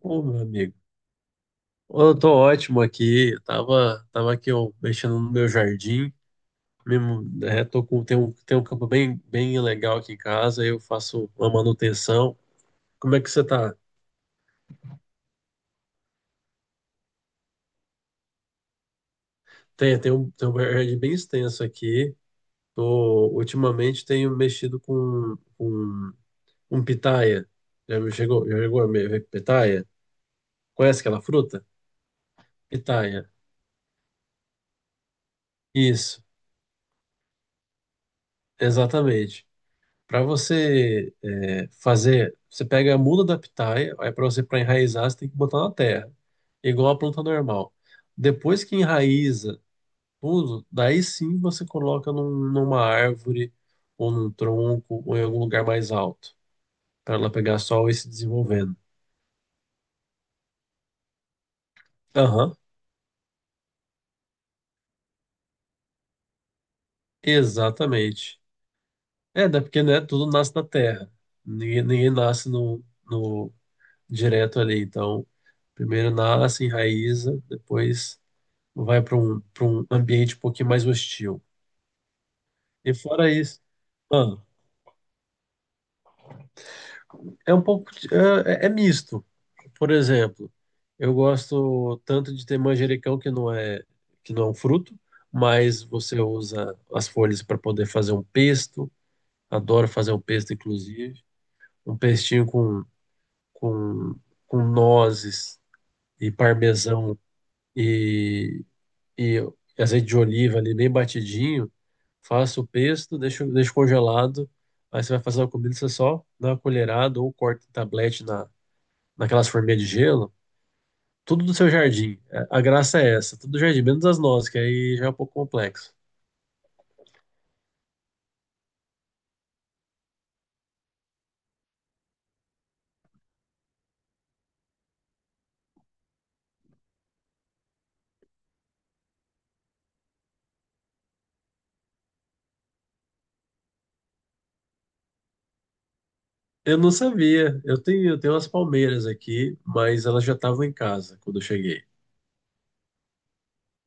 Ô, meu amigo, eu tô ótimo aqui. Eu tava aqui ó, mexendo no meu jardim. Mesmo, né, tem um campo bem legal aqui em casa. Eu faço uma manutenção. Como é que você tá? Tem um jardim bem extenso aqui. Tô, ultimamente tenho mexido com um pitaia. Já me chegou, já chegou a me- ver pitaia? Conhece aquela fruta? Pitaia. Isso, exatamente. Para você pega a muda da pitaia, aí para você para enraizar, você tem que botar na terra, igual a planta normal. Depois que enraiza tudo, daí sim você coloca numa árvore, ou num tronco, ou em algum lugar mais alto, para ela pegar sol e se desenvolvendo. Aham, exatamente. É, né, tudo nasce na terra, ninguém nasce no direto ali, então primeiro nasce, enraiza, depois vai para um ambiente um pouquinho mais hostil. E fora isso, ah, é um pouco, é misto. Por exemplo, eu gosto tanto de ter manjericão que não é um fruto, mas você usa as folhas para poder fazer um pesto. Adoro fazer um pesto, inclusive, um pestinho com, com nozes e parmesão e, e azeite de oliva ali bem batidinho. Faça o pesto, deixo congelado. Aí você vai fazer a comida, você só dá uma colherada ou corta em tablete naquelas forminhas de gelo. Tudo do seu jardim. É, a graça é essa, tudo do jardim, menos as nossas, que aí já é um pouco complexo. Eu não sabia. Eu tenho umas palmeiras aqui, mas elas já estavam em casa quando eu cheguei.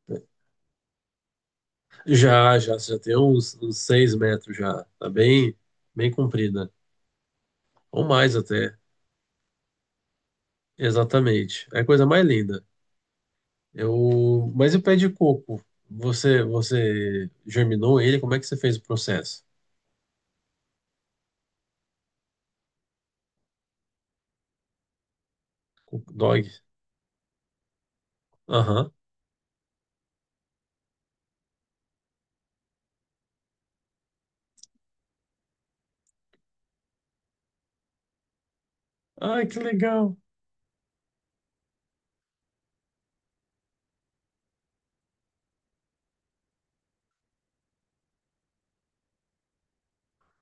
Né? Já tem uns 6 metros já. Tá bem comprida. Ou mais até. Exatamente. É a coisa mais linda. Eu, mas e o pé de coco? Você germinou ele? Como é que você fez o processo? Coco Dog? Aham. Ai, que legal.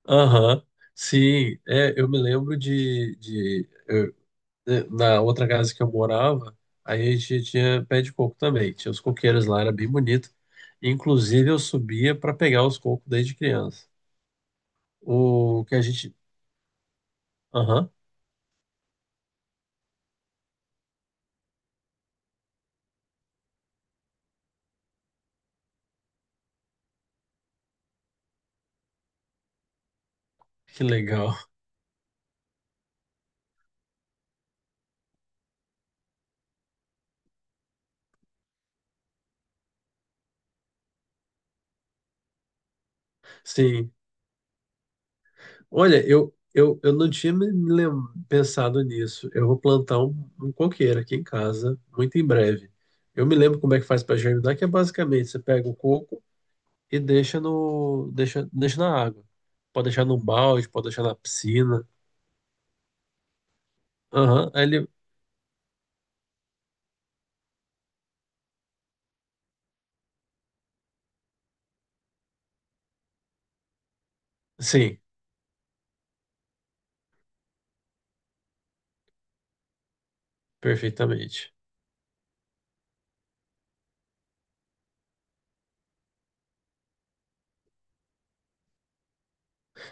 Aham. Sim, é, eu me lembro de na outra casa que eu morava, aí a gente tinha pé de coco também. Tinha os coqueiros lá, era bem bonito. Inclusive, eu subia para pegar os cocos desde criança. O que a gente. Aham, que legal. Sim. Olha, eu não tinha pensado nisso. Eu vou plantar um coqueiro aqui em casa, muito em breve. Eu me lembro como é que faz para germinar, que é basicamente você pega o coco e deixa no, deixa, deixa na água. Pode deixar num balde, pode deixar na piscina. Aham, aí ele. Sim, perfeitamente.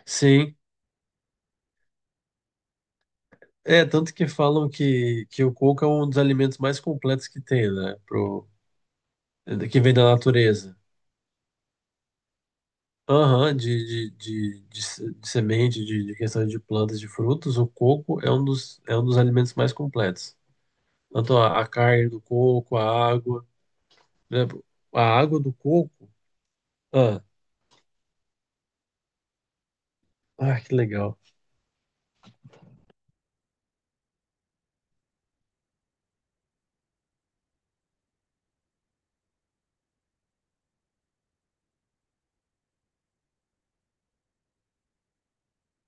Sim. É, tanto que falam que o coco é um dos alimentos mais completos que tem, né? Pro, que vem da natureza. Aham, de, se- de semente, de questão de plantas, de frutos, o coco é é um dos alimentos mais completos. Tanto a carne do coco, a água, né? A água do coco. Ah, ah, que legal.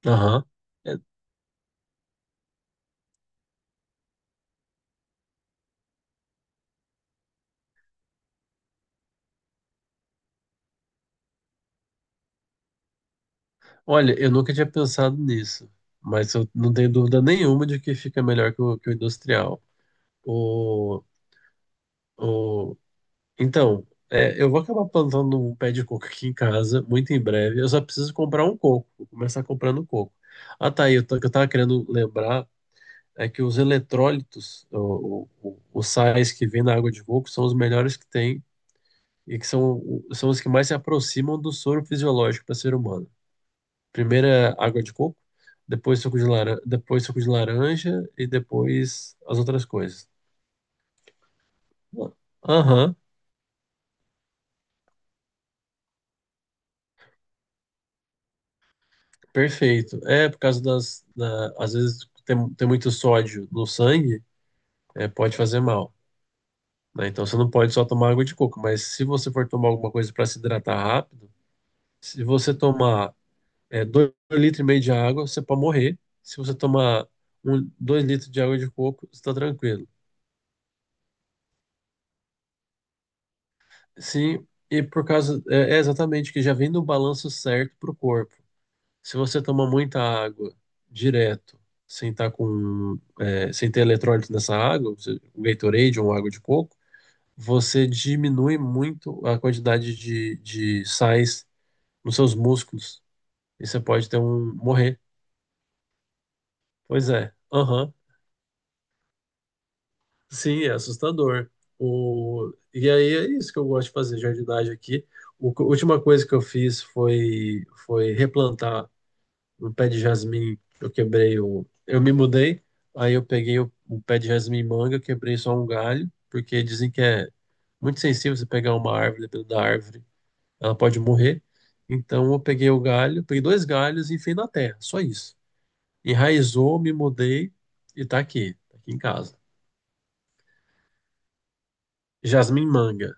Aham. É, olha, eu nunca tinha pensado nisso, mas eu não tenho dúvida nenhuma de que fica melhor que que o industrial. O, o, Então, é, eu vou acabar plantando um pé de coco aqui em casa, muito em breve. Eu só preciso comprar um coco. Vou começar comprando coco. Ah, tá aí. O que eu tava querendo lembrar é que os eletrólitos, os sais que vêm na água de coco, são os melhores que tem e que são, são os que mais se aproximam do soro fisiológico para ser humano. Primeiro é água de coco, depois suco de laranja, depois suco de laranja e depois as outras coisas. Aham. Perfeito. É, por causa das. Da- às vezes tem muito sódio no sangue, pode fazer mal. Né? Então você não pode só tomar água de coco, mas se você for tomar alguma coisa para se hidratar rápido, se você tomar 2,5 litros de água, você pode morrer. Se você tomar 2 litros de água de coco, você está tranquilo. Sim, e por causa. É, é exatamente que já vem no balanço certo para o corpo. Se você toma muita água direto, sem tá com, é, sem ter eletrólito nessa água, você- o Gatorade ou água de coco, você diminui muito a quantidade de sais nos seus músculos e você pode ter um morrer. Pois é, aham. Sim, é assustador. O, e aí é isso que eu gosto de fazer, jardinagem aqui. O, a última coisa que eu fiz foi, foi replantar um pé de jasmim, eu quebrei o. Eu me mudei, aí eu peguei o pé de jasmim manga, eu quebrei só um galho, porque dizem que é muito sensível você pegar uma árvore, dependendo da árvore, ela pode morrer. Então eu peguei o galho, peguei dois galhos e enfiei na terra, só isso. Enraizou, me mudei e tá aqui em casa. Jasmim manga.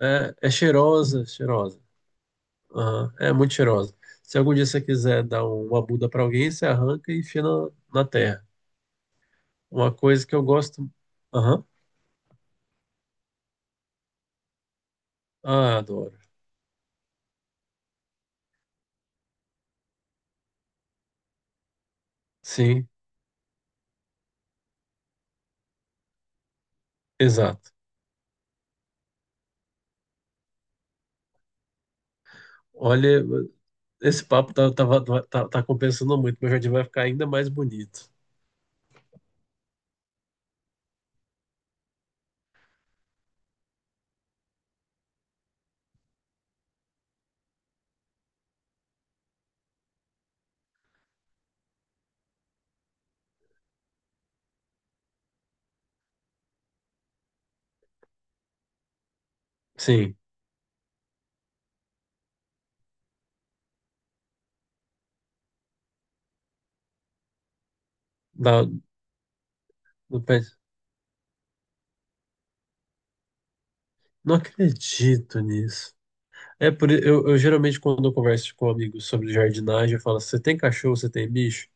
É, é cheirosa. Aham, é muito cheirosa. Se algum dia você quiser dar uma muda pra alguém, você arranca e enfia na terra. Uma coisa que eu gosto. Aham. Ah, adoro. Sim, exato. Olha, esse papo tá compensando muito. Meu jardim vai ficar ainda mais bonito. Sim, dá, no pé. Não acredito nisso. Eu geralmente quando eu converso com amigos sobre jardinagem, eu falo: você tem cachorro, você tem bicho?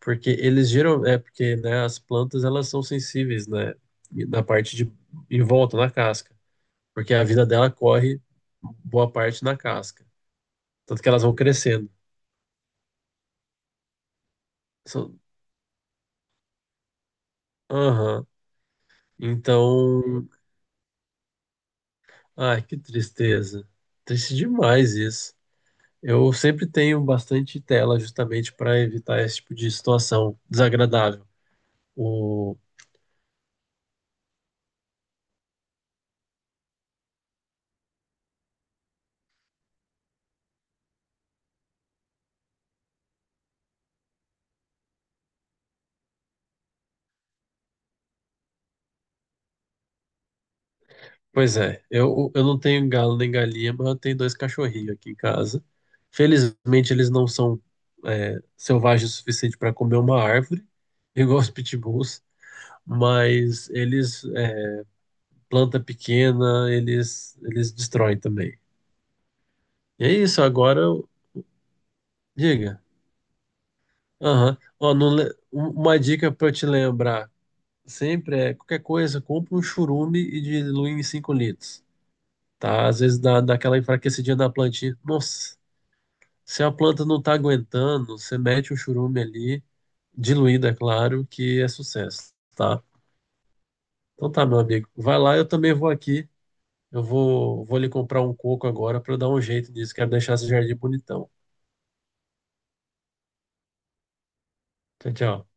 Porque eles geram, é porque né, as plantas elas são sensíveis, né, e na parte de em volta na casca, porque a vida dela corre boa parte na casca. Tanto que elas vão crescendo. São- Aham. Então, ai, que tristeza. Triste demais isso. Eu sempre tenho bastante tela justamente para evitar esse tipo de situação desagradável. O... Pois é, eu não tenho galo nem galinha, mas eu tenho dois cachorrinhos aqui em casa. Felizmente, eles não são selvagens o suficiente para comer uma árvore, igual os pitbulls, mas eles planta pequena, eles destroem também. E é isso, agora eu... diga. Aham. Ó, não le- um- uma dica para te lembrar sempre é qualquer coisa, compra um churume e dilui em 5 litros, tá? Às vezes dá aquela enfraquecidinha na plantinha. Nossa, se a planta não tá aguentando, você mete o churume ali, diluído, é claro, que é sucesso, tá? Então tá, meu amigo. Vai lá, eu também vou aqui. Vou lhe comprar um coco agora para dar um jeito nisso. Quero deixar esse jardim bonitão. Tchau, tchau.